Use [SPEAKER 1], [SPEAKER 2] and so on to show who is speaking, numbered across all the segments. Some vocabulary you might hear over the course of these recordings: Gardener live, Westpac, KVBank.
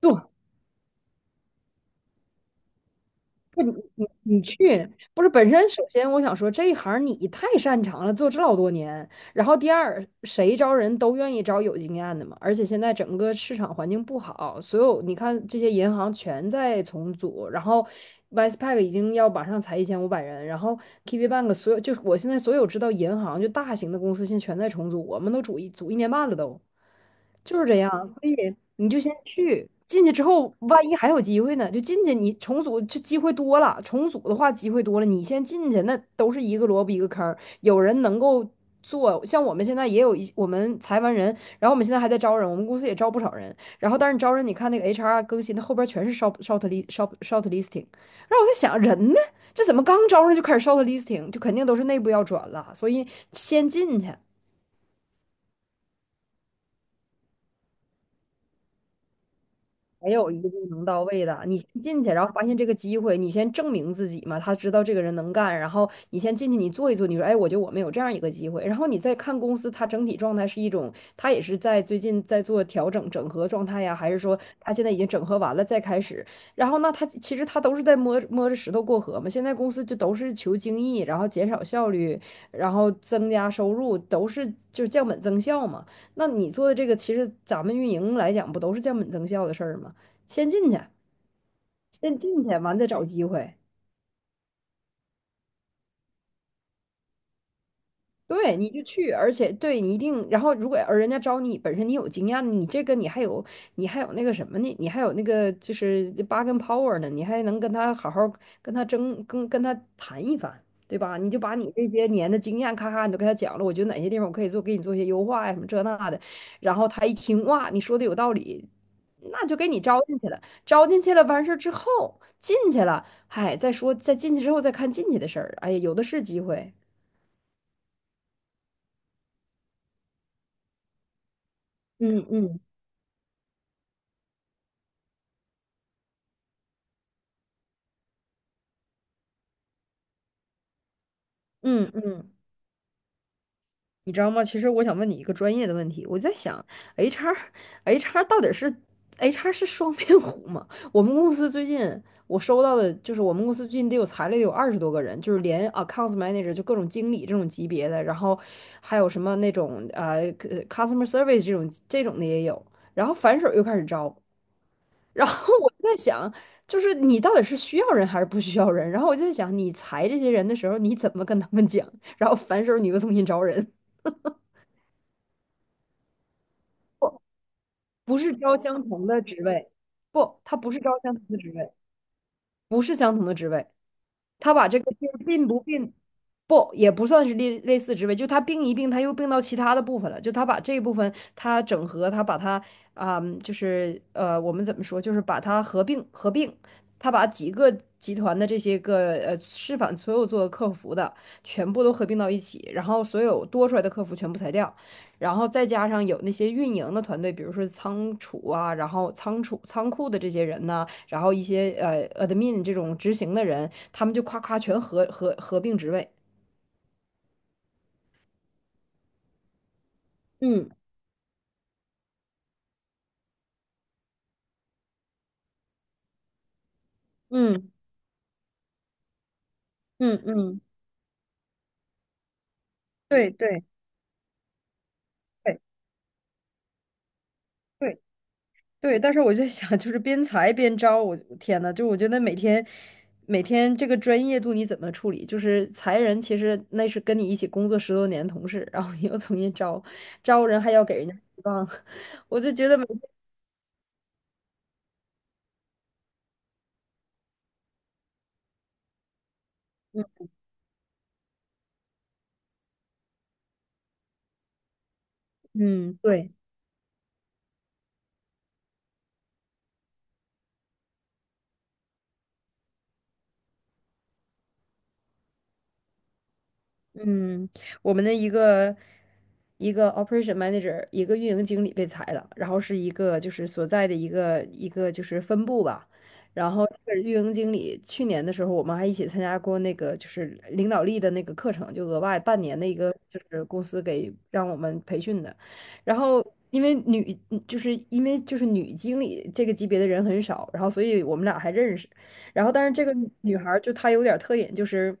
[SPEAKER 1] 做，你去，不是本身，首先我想说这一行你太擅长了，做这老多年，然后第二，谁招人都愿意招有经验的嘛，而且现在整个市场环境不好，所有你看这些银行全在重组，然后 Westpac 已经要马上裁1500人，然后 KVBank 所有就是我现在所有知道银行就大型的公司现在全在重组，我们都组一组一年半了都，就是这样，所以你就先去。进去之后，万一还有机会呢？就进去，你重组就机会多了。重组的话，机会多了，你先进去，那都是一个萝卜一个坑儿。有人能够做，像我们现在也有一我们裁完人，然后我们现在还在招人，我们公司也招不少人，然后但是招人你看那个 HR 更新的后边全是 short listing，然后我在想人呢，这怎么刚招上就开始 short listing，就肯定都是内部要转了，所以先进去，没有一个能到位的。你先进去，然后发现这个机会，你先证明自己嘛。他知道这个人能干，然后你先进去，你做一做，你说，哎，我觉得我们有这样一个机会。然后你再看公司，它整体状态是一种，它也是在最近在做调整、整合状态呀，还是说它现在已经整合完了再开始？然后那它其实它都是在摸着石头过河嘛。现在公司就都是求精益，然后减少效率，然后增加收入，都是就是降本增效嘛。那你做的这个，其实咱们运营来讲，不都是降本增效的事儿吗？先进去，先进去，完再找机会。对，你就去，而且对你一定，然后如果而人家招你，本身你有经验，你这个你还有那个什么呢？你还有那个就是八跟 power 呢，你还能跟他好好跟他争，跟他谈一番，对吧？你就把你这些年的经验咔咔你都跟他讲了，我觉得哪些地方我可以做，给你做一些优化呀什么这那的，然后他一听哇，你说的有道理，那就给你招进去了，招进去了完事儿之后进去了，哎，再说再进去之后再看进去的事儿，哎呀，有的是机会，嗯嗯。嗯嗯，你知道吗？其实我想问你一个专业的问题，我在想，HR，HR 到底是 HR 是双面虎吗？我们公司最近我收到的就是我们公司最近裁了得有20多个人，就是连 accounts manager 就各种经理这种级别的，然后还有什么那种customer service 这种的也有，然后反手又开始招，然后我就在想，就是你到底是需要人还是不需要人？然后我就在想，你裁这些人的时候，你怎么跟他们讲？然后反手你又重新招人。不是招相同的职位，不，他不是招相同的职位，不是相同的职位。他把这个病并不并不也不算是类似职位，就他并一并，他又并到其他的部分了。就他把这一部分他整合，他把它啊、就是呃，我们怎么说，就是把它合并，他把几个集团的这些个示范所有做客服的全部都合并到一起，然后所有多出来的客服全部裁掉，然后再加上有那些运营的团队，比如说仓储啊，然后仓库的这些人呢。然后一些admin 这种执行的人，他们就夸夸全合并职位。嗯嗯嗯嗯，对对对对对，但是我就想，就是边裁边招，我天呐，就我觉得每天这个专业度你怎么处理？就是裁人，其实那是跟你一起工作10多年的同事，然后你又重新招，招人还要给人家希望，我就觉得每天，嗯，对。嗯，我们的一个 operation manager，一个运营经理被裁了，然后是一个就是所在的一个就是分部吧，然后这个运营经理去年的时候，我们还一起参加过那个就是领导力的那个课程，就额外半年的一个就是公司给让我们培训的，然后。因为女，因为女经理这个级别的人很少，然后所以我们俩还认识。然后，但是这个女孩儿就她有点儿特点，就是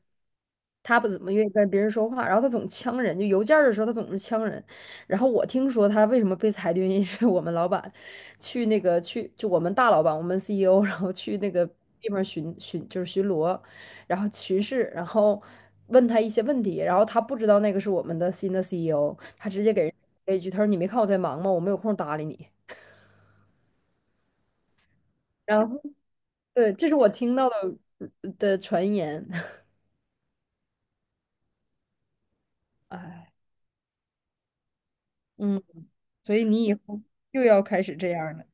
[SPEAKER 1] 她不怎么愿意跟别人说话，然后她总呛人，就邮件儿的时候她总是呛人。然后我听说她为什么被裁的原因是我们老板去那个去就我们大老板，我们 CEO，然后去那个地方巡巡就是巡逻，然后巡视，然后问他一些问题，然后他不知道那个是我们的新的 CEO，他直接给人了一句，他说你没看我在忙吗？我没有空搭理你。然后对，这是我听到的的传言，哎。嗯，所以你以后又要开始这样了。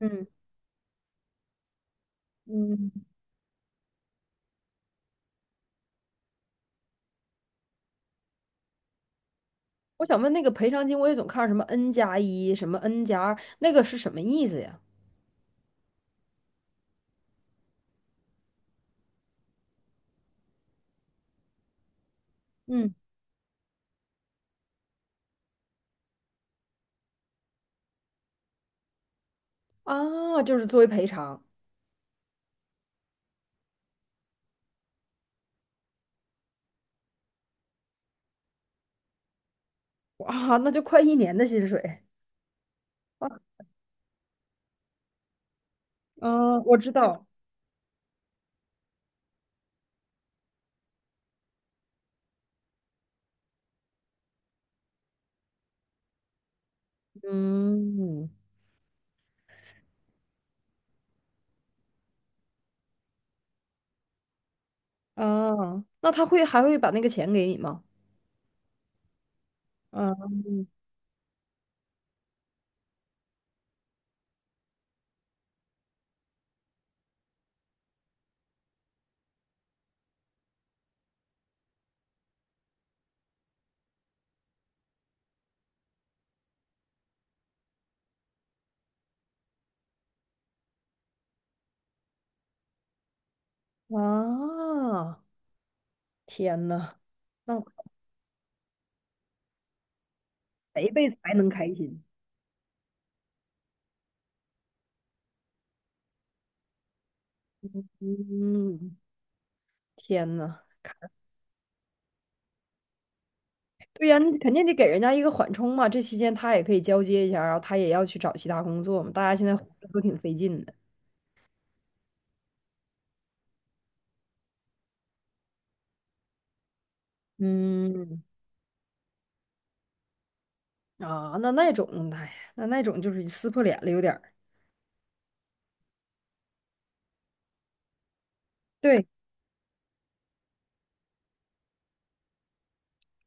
[SPEAKER 1] 嗯嗯，我想问那个赔偿金，我也总看什么 N+1，什么 N+2，那个是什么意思呀？嗯，啊，就是作为赔偿，啊，那就快一年的薪水。啊，我知道。嗯，啊，那他还会把那个钱给你吗？嗯，啊，天呐，那得一辈子还能开心。嗯，天呐。对呀，你肯定得给人家一个缓冲嘛。这期间他也可以交接一下，然后他也要去找其他工作嘛。大家现在活着都挺费劲的。嗯，啊，那那种，哎呀那种就是撕破脸了，有点儿。对，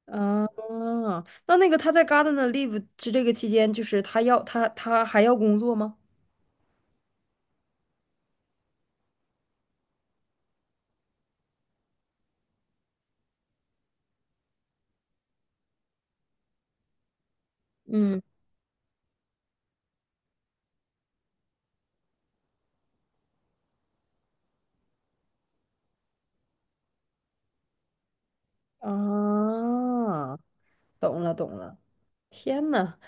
[SPEAKER 1] 啊，那个他在 Gardener live 之这个期间，就是他还要工作吗？嗯，啊，懂了懂了。天呐，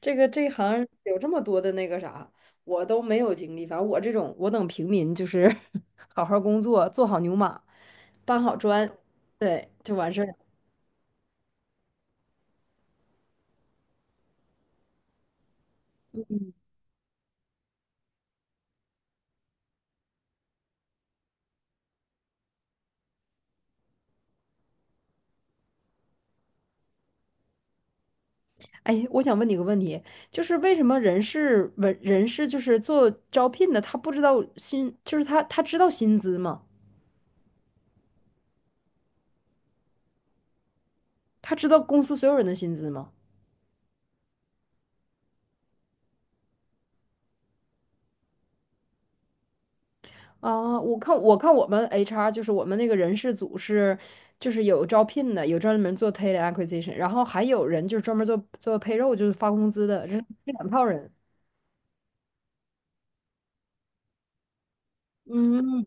[SPEAKER 1] 这个这一行有这么多的那个啥，我都没有经历。反正我这种，我等平民就是 好好工作，做好牛马，搬好砖，对，就完事儿了。哎，我想问你个问题，就是为什么人事文人事就是做招聘的，他不知道薪，就是他他知道薪资吗？他知道公司所有人的薪资吗？啊，我看我看我们 HR 就是我们那个人事组是，就是有招聘的，有专门做 talent acquisition，然后还有人就是专门做做 payroll，就是发工资的，这是这两套人。嗯，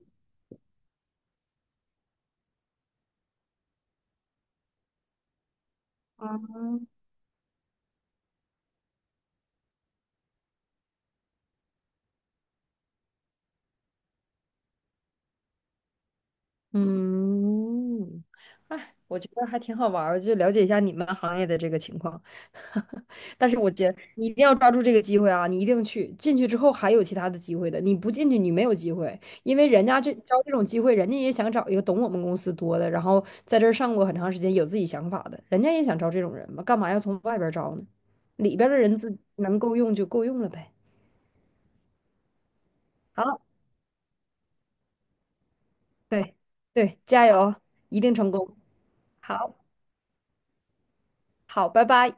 [SPEAKER 1] 嗯，哎，我觉得还挺好玩儿，就了解一下你们行业的这个情况。但是我觉得你一定要抓住这个机会啊！你一定去，进去之后还有其他的机会的，你不进去你没有机会，因为人家这招这种机会，人家也想找一个懂我们公司多的，然后在这儿上过很长时间，有自己想法的，人家也想招这种人嘛，干嘛要从外边儿招呢？里边儿的人自能够用就够用了呗。好，对对，加油，一定成功。好，好，拜拜。